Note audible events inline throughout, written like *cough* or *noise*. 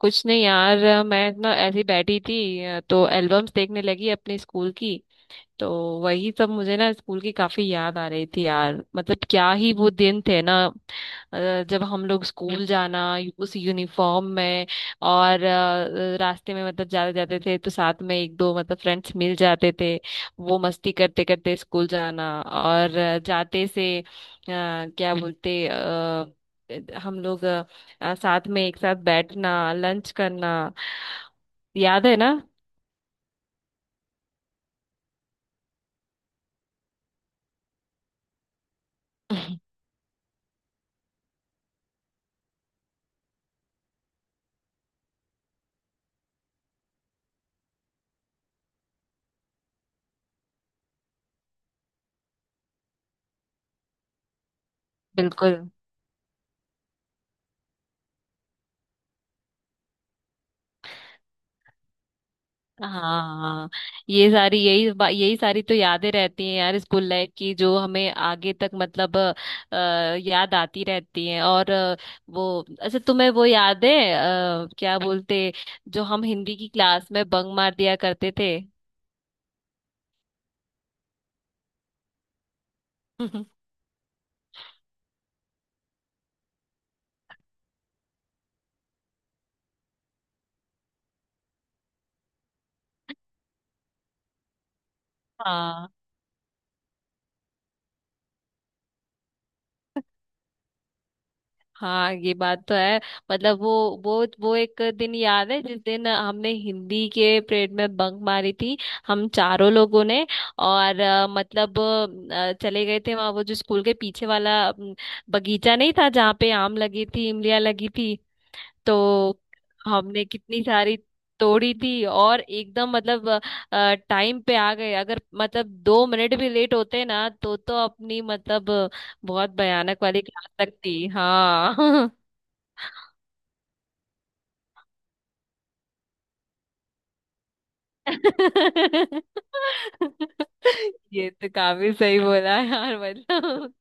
कुछ नहीं यार मैं ना ऐसी बैठी थी तो एल्बम्स देखने लगी अपने स्कूल की। तो वही सब मुझे ना स्कूल की काफी याद आ रही थी यार, मतलब क्या ही वो दिन थे ना। जब हम लोग स्कूल जाना उस यूनिफॉर्म में, और रास्ते में मतलब जाते जाते थे तो साथ में एक दो मतलब फ्रेंड्स मिल जाते थे। वो मस्ती करते करते स्कूल जाना, और जाते से क्या बोलते हम लोग साथ में एक साथ बैठना, लंच करना। याद है ना। *laughs* बिल्कुल। हाँ, ये सारी यही सारी तो यादें रहती हैं यार स्कूल लाइफ की, जो हमें आगे तक मतलब याद आती रहती हैं। और वो अच्छा, तुम्हें वो याद है क्या बोलते, जो हम हिंदी की क्लास में बंक मार दिया करते थे। *laughs* हाँ हाँ हाँ, ये बात तो है। मतलब वो वो एक दिन याद है जिस दिन हमने हिंदी के पीरियड में बंक मारी थी, हम चारों लोगों ने। और मतलब चले गए थे वहाँ, वो जो स्कूल के पीछे वाला बगीचा नहीं था, जहाँ पे आम लगी थी, इमलियाँ लगी थी। तो हमने कितनी सारी तोड़ी थी, और एकदम मतलब टाइम पे आ गए। अगर मतलब 2 मिनट भी लेट होते ना तो अपनी मतलब बहुत भयानक वाली क्लास लगती। हाँ। *laughs* *laughs* ये तो काफी सही बोला यार मतलब।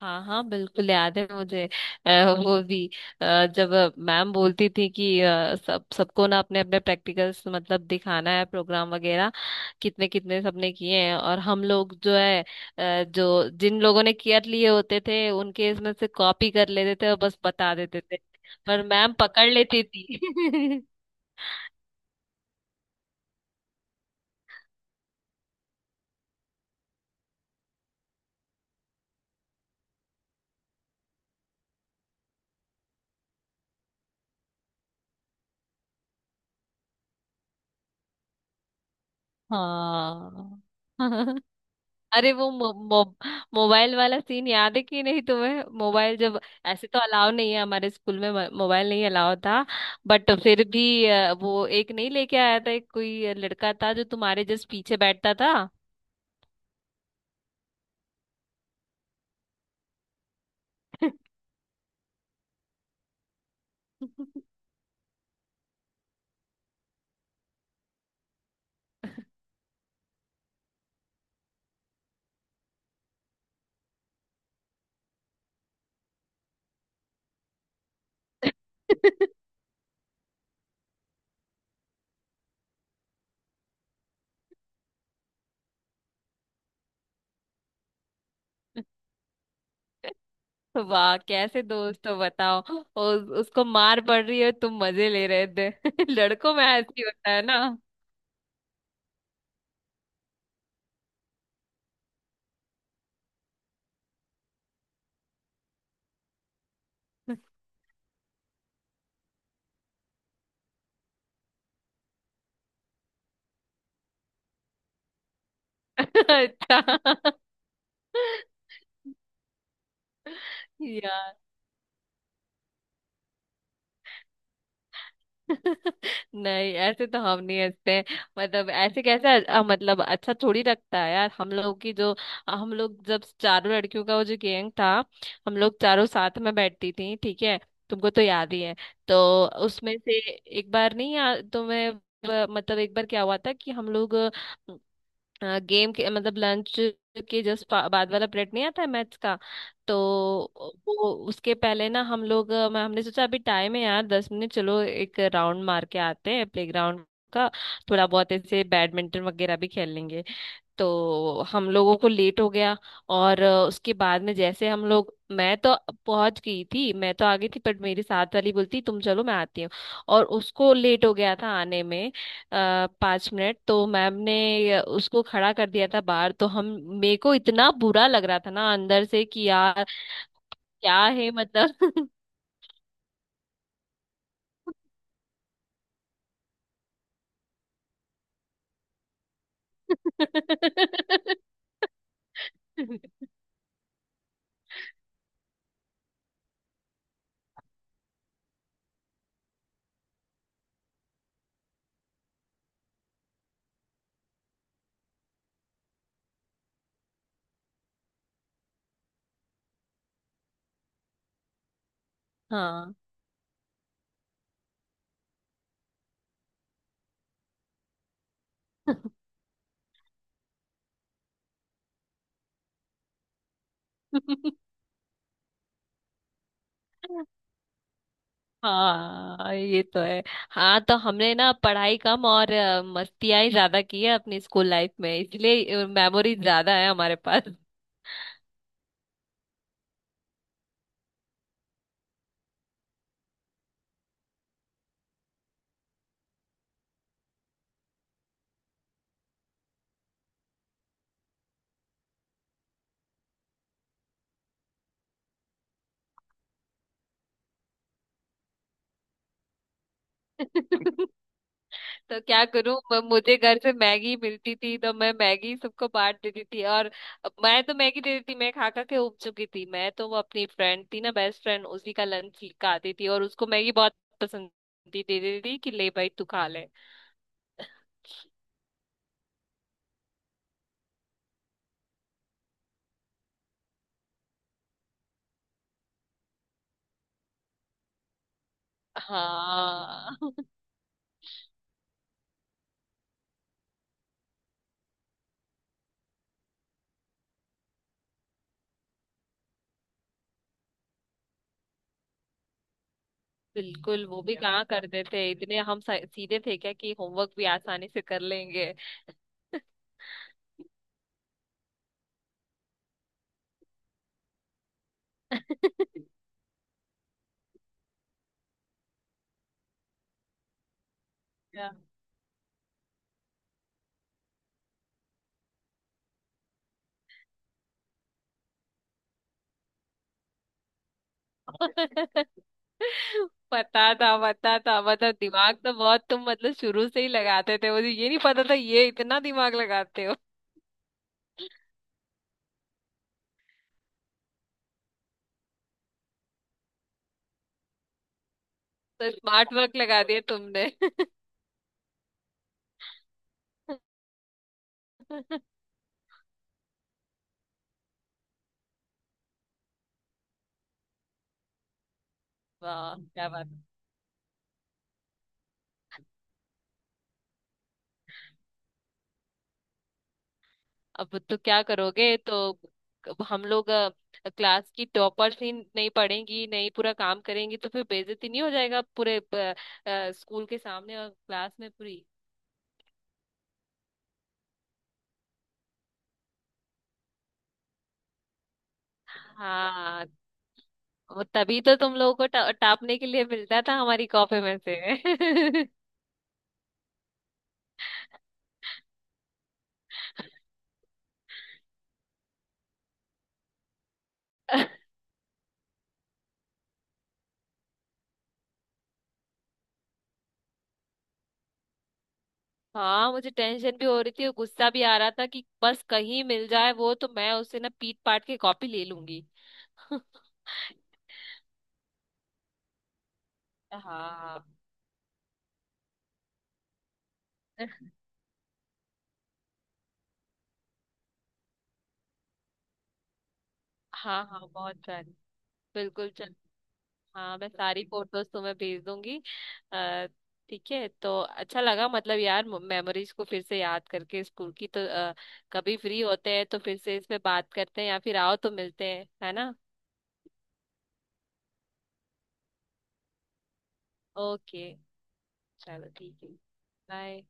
हाँ हाँ, बिल्कुल याद है मुझे। अ, वो भी जब मैम बोलती थी कि सब सबको ना अपने अपने प्रैक्टिकल्स मतलब दिखाना है, प्रोग्राम वगैरह कितने कितने सबने किए हैं, और हम लोग जो है जो जिन लोगों ने केयर लिए होते थे उनके इसमें से कॉपी कर लेते थे और बस बता देते थे। पर मैम पकड़ लेती थी। *laughs* हाँ। *laughs* अरे वो मो, मो, मोबाइल वाला सीन याद है कि नहीं तुम्हें। मोबाइल जब ऐसे तो अलाउ नहीं है हमारे स्कूल में, मोबाइल नहीं अलाउ था। बट फिर भी वो एक नहीं लेके आया था, एक कोई लड़का था जो तुम्हारे जस्ट पीछे बैठता था। *laughs* वाह कैसे दोस्त हो बताओ, उसको मार पड़ रही है तुम मजे ले रहे थे। *laughs* लड़कों में ऐसे ही होता है ना। *laughs* अच्छा यार, नहीं ऐसे तो हम नहीं हंसते हैं। मतलब ऐसे कैसे। मतलब अच्छा थोड़ी लगता है यार। हम लोग की जो, हम लोग जब चारों लड़कियों का वो जो गैंग था, हम लोग चारों साथ में बैठती थी ठीक है, तुमको तो याद ही है। तो उसमें से एक बार नहीं याद तुम्हें। मतलब एक बार क्या हुआ था कि हम लोग गेम के मतलब लंच के जस्ट बाद वाला पीरियड नहीं आता है मैथ्स का। तो वो उसके पहले ना हम लोग, अ, मैं हमने सोचा अभी टाइम है यार 10 मिनट, चलो एक राउंड मार के आते हैं प्लेग्राउंड का। थोड़ा बहुत ऐसे बैडमिंटन वगैरह भी खेल लेंगे। तो हम लोगों को लेट हो गया। और उसके बाद में जैसे हम लोग, मैं तो पहुंच गई थी, मैं तो आ गई थी, बट मेरी साथ वाली बोलती तुम चलो मैं आती हूँ, और उसको लेट हो गया था आने में। 5 मिनट तो मैम ने उसको खड़ा कर दिया था बाहर। तो हम, मेरे को इतना बुरा लग रहा था ना अंदर से कि यार क्या है मतलब। *laughs* हाँ। *laughs* हाँ ये तो है। हाँ तो हमने ना पढ़ाई कम और मस्तियाँ ही ज्यादा की है अपनी स्कूल लाइफ में, इसलिए मेमोरी ज्यादा है हमारे पास। *laughs* तो क्या करूं, मुझे घर से मैगी मिलती थी तो मैं मैगी सबको बांट देती थी। और मैं तो मैगी दे देती थी, मैं खा खा के उब चुकी थी। मैं तो वो अपनी फ्रेंड थी ना बेस्ट फ्रेंड, उसी का लंच खाती थी, और उसको मैगी बहुत पसंद थी, दे देती थी कि ले भाई तू खा ले। हाँ। *laughs* बिल्कुल, वो भी कहाँ कर देते। इतने हम सीधे थे क्या कि होमवर्क भी आसानी से कर लेंगे? क्या? *laughs* पता था पता था, मतलब दिमाग तो बहुत तुम मतलब शुरू से ही लगाते थे। मुझे ये नहीं पता था ये इतना दिमाग लगाते हो। *laughs* तो स्मार्ट वर्क लगा दिया तुमने। *laughs* वाह क्या बात। अब तो क्या करोगे, तो हम लोग क्लास की टॉपर्स ही नहीं पढ़ेंगी, नहीं पूरा काम करेंगी तो फिर बेइज्जती नहीं हो जाएगा पूरे स्कूल के सामने और क्लास में पूरी। हाँ, वो तभी तो तुम लोगों को टापने के लिए मिलता था हमारी कॉपी में से। *laughs* हाँ, मुझे टेंशन भी हो रही थी और गुस्सा भी आ रहा था कि बस कहीं मिल जाए वो तो मैं उससे ना पीट पाट के कॉपी ले लूंगी। *laughs* हाँ हाँ हाँ, बहुत सारी। बिल्कुल चल। हाँ मैं सारी फोटोज तुम्हें भेज दूंगी। अ, ठीक है, तो अच्छा लगा मतलब यार मेमोरीज को फिर से याद करके स्कूल की तो। अ, कभी फ्री होते हैं तो फिर से इस पे बात करते हैं, या फिर आओ तो मिलते हैं है ना। ओके। चलो ठीक है। बाय।